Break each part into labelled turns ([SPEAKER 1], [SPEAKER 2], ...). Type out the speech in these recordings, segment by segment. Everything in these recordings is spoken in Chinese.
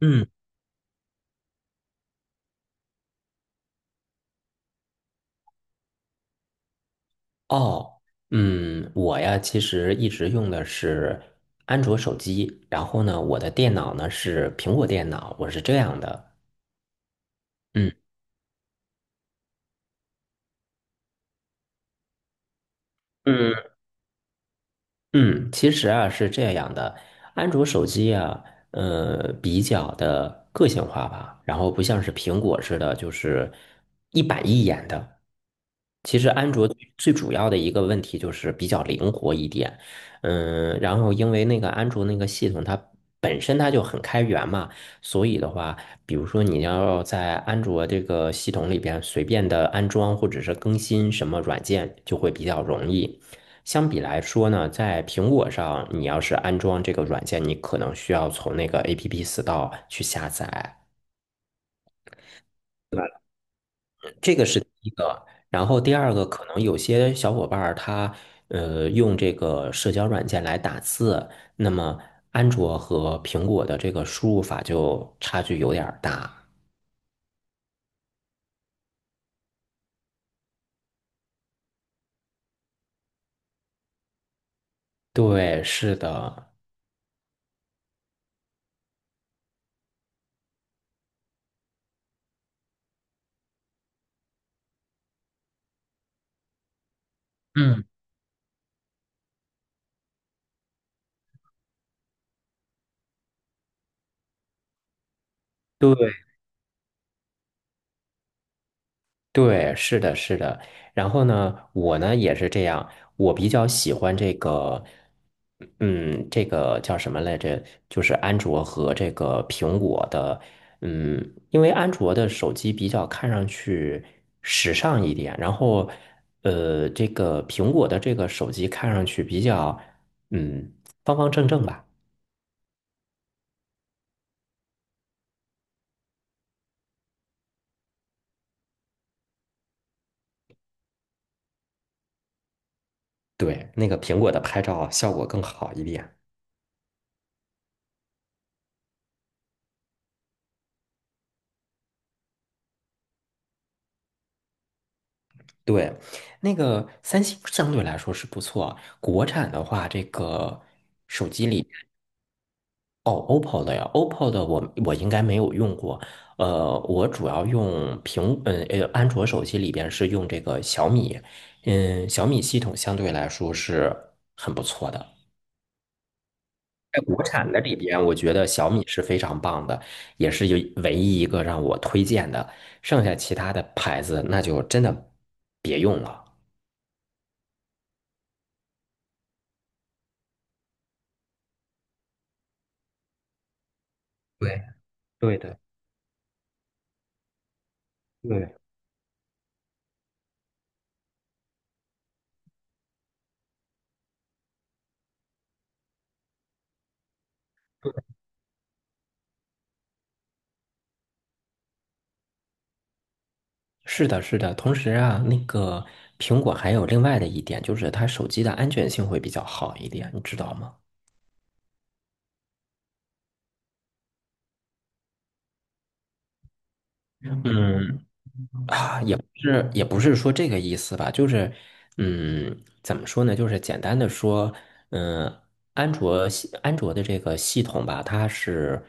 [SPEAKER 1] 嗯，哦，我呀，其实一直用的是安卓手机，然后呢，我的电脑呢是苹果电脑，我是这样的。嗯。嗯嗯，其实啊是这样的，安卓手机啊，比较的个性化吧，然后不像是苹果似的，就是一板一眼的。其实安卓最主要的一个问题就是比较灵活一点，嗯，然后因为那个安卓那个系统它本身就很开源嘛，所以的话，比如说你要在安卓这个系统里边随便的安装或者是更新什么软件，就会比较容易。相比来说呢，在苹果上，你要是安装这个软件，你可能需要从那个 APP Store 去下载，这个是第一个。然后第二个，可能有些小伙伴儿他用这个社交软件来打字，那么安卓和苹果的这个输入法就差距有点儿大。对，是的。嗯，对，对，是的，是的。然后呢，我呢也是这样，我比较喜欢这个，嗯，这个叫什么来着？就是安卓和这个苹果的，嗯，因为安卓的手机比较看上去时尚一点，然后，这个苹果的这个手机看上去比较，嗯，方方正正吧。对，那个苹果的拍照效果更好一点。对，那个三星相对来说是不错。国产的话，这个哦，OPPO 的呀，OPPO 的我应该没有用过。呃，我主要用苹，安卓手机里边是用这个小米，嗯，小米系统相对来说是很不错的。在国产的里边，我觉得小米是非常棒的，也是有唯一一个让我推荐的。剩下其他的牌子，那就真的别用了。对，对的，对。是的，是的。同时啊，那个苹果还有另外的一点，就是它手机的安全性会比较好一点，你知道吗？嗯，是也不是说这个意思吧，就是嗯，怎么说呢？就是简单的说，嗯，安卓的这个系统吧，它是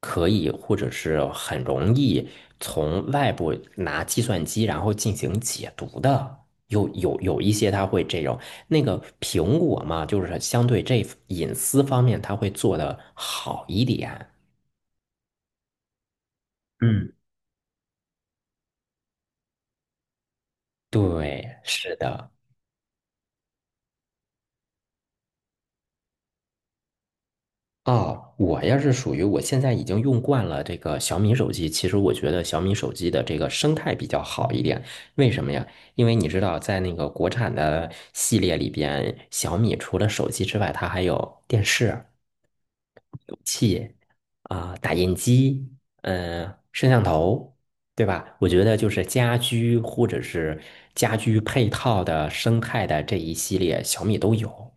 [SPEAKER 1] 可以或者是很容易从外部拿计算机然后进行解读的。有一些它会这种，那个苹果嘛，就是相对这隐私方面，它会做得好一点。嗯，对，是的。哦，我要是属于我现在已经用惯了这个小米手机。其实我觉得小米手机的这个生态比较好一点，为什么呀？因为你知道，在那个国产的系列里边，小米除了手机之外，它还有电视啊、打印机、嗯、摄像头，对吧？我觉得就是家居或者是家居配套的生态的这一系列，小米都有。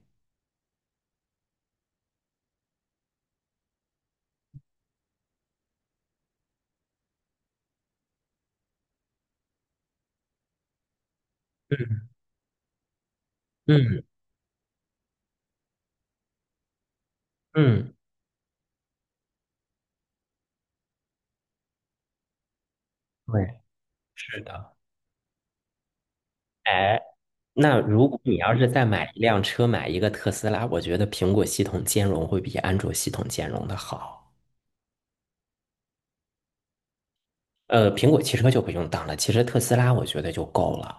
[SPEAKER 1] 嗯嗯嗯，对，是的。那如果你要是再买一辆车，买一个特斯拉，我觉得苹果系统兼容会比安卓系统兼容的好。呃，苹果汽车就不用当了，其实特斯拉我觉得就够了。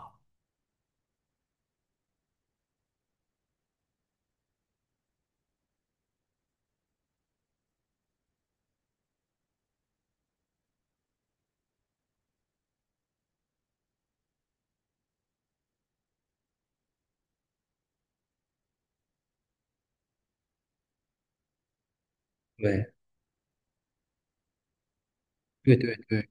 [SPEAKER 1] 对对对，对，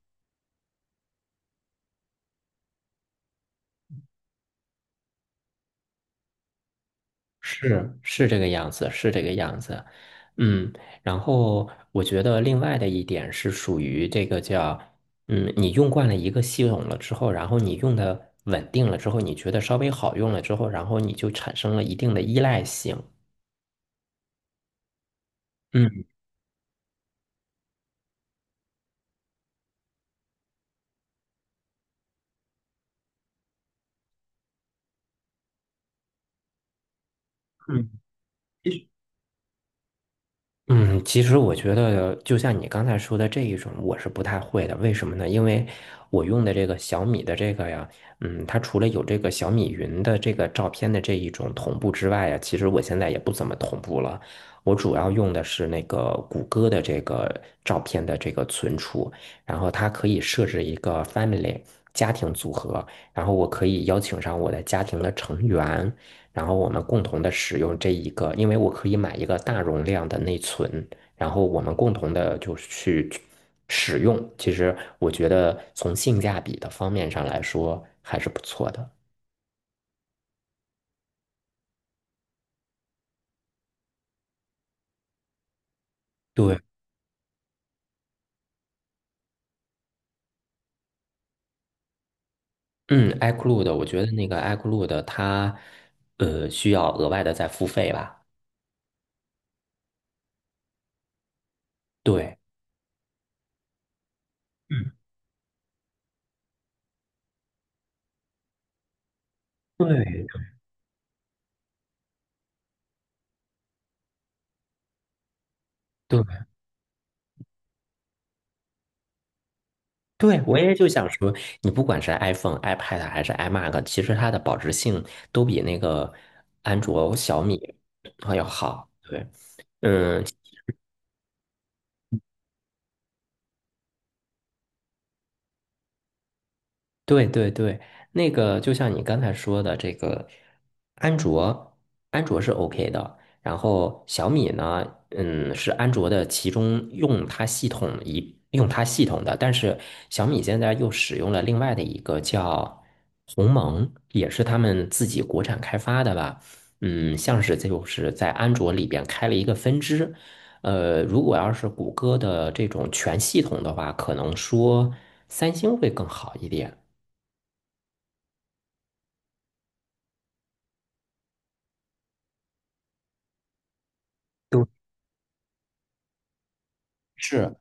[SPEAKER 1] 是是这个样子,嗯，然后我觉得另外的一点是属于这个叫，嗯，你用惯了一个系统了之后，然后你用的稳定了之后，你觉得稍微好用了之后，然后你就产生了一定的依赖性，嗯。嗯，其实我觉得，就像你刚才说的这一种，我是不太会的。为什么呢？因为我用的这个小米的这个呀，嗯，它除了有这个小米云的这个照片的这一种同步之外呀，其实我现在也不怎么同步了。我主要用的是那个谷歌的这个照片的这个存储，然后它可以设置一个 family 家庭组合，然后我可以邀请上我的家庭的成员，然后我们共同的使用这一个，因为我可以买一个大容量的内存，然后我们共同的就是去使用。其实我觉得从性价比的方面上来说还是不错的。对，嗯，iCloud,我觉得那个 iCloud 它需要额外的再付费吧？对。对对对,我也就想说，你不管是 iPhone、iPad 还是 iMac,其实它的保值性都比那个安卓、小米要好。对。嗯。对,那个就像你刚才说的，这个安卓，安卓是 OK 的。然后小米呢，嗯，是安卓的其中用它系统一用它系统的，但是小米现在又使用了另外的一个叫鸿蒙，也是他们自己国产开发的吧？嗯，像是就是在安卓里边开了一个分支。呃，如果要是谷歌的这种全系统的话，可能说三星会更好一点。都是，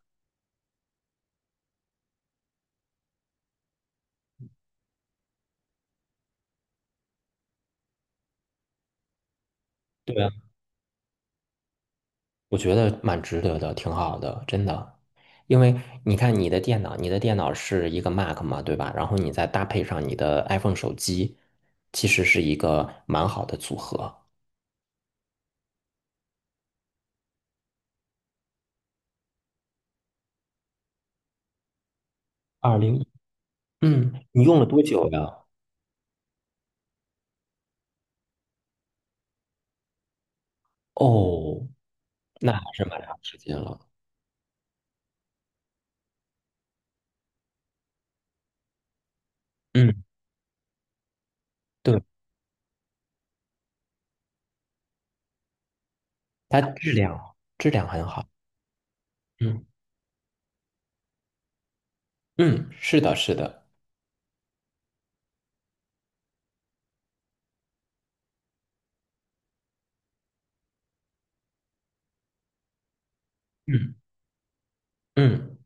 [SPEAKER 1] 对啊，我觉得蛮值得的，挺好的，真的。因为你看你的电脑，你的电脑是一个 Mac 嘛，对吧？然后你再搭配上你的 iPhone 手机，其实是一个蛮好的组合。二零，嗯，你用了多久呀？哦，那还是蛮长时间了。嗯，对，它质量很好。嗯嗯，是的，是的。嗯嗯，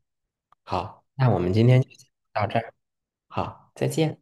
[SPEAKER 1] 好，那我们今天就到这儿。好，再见。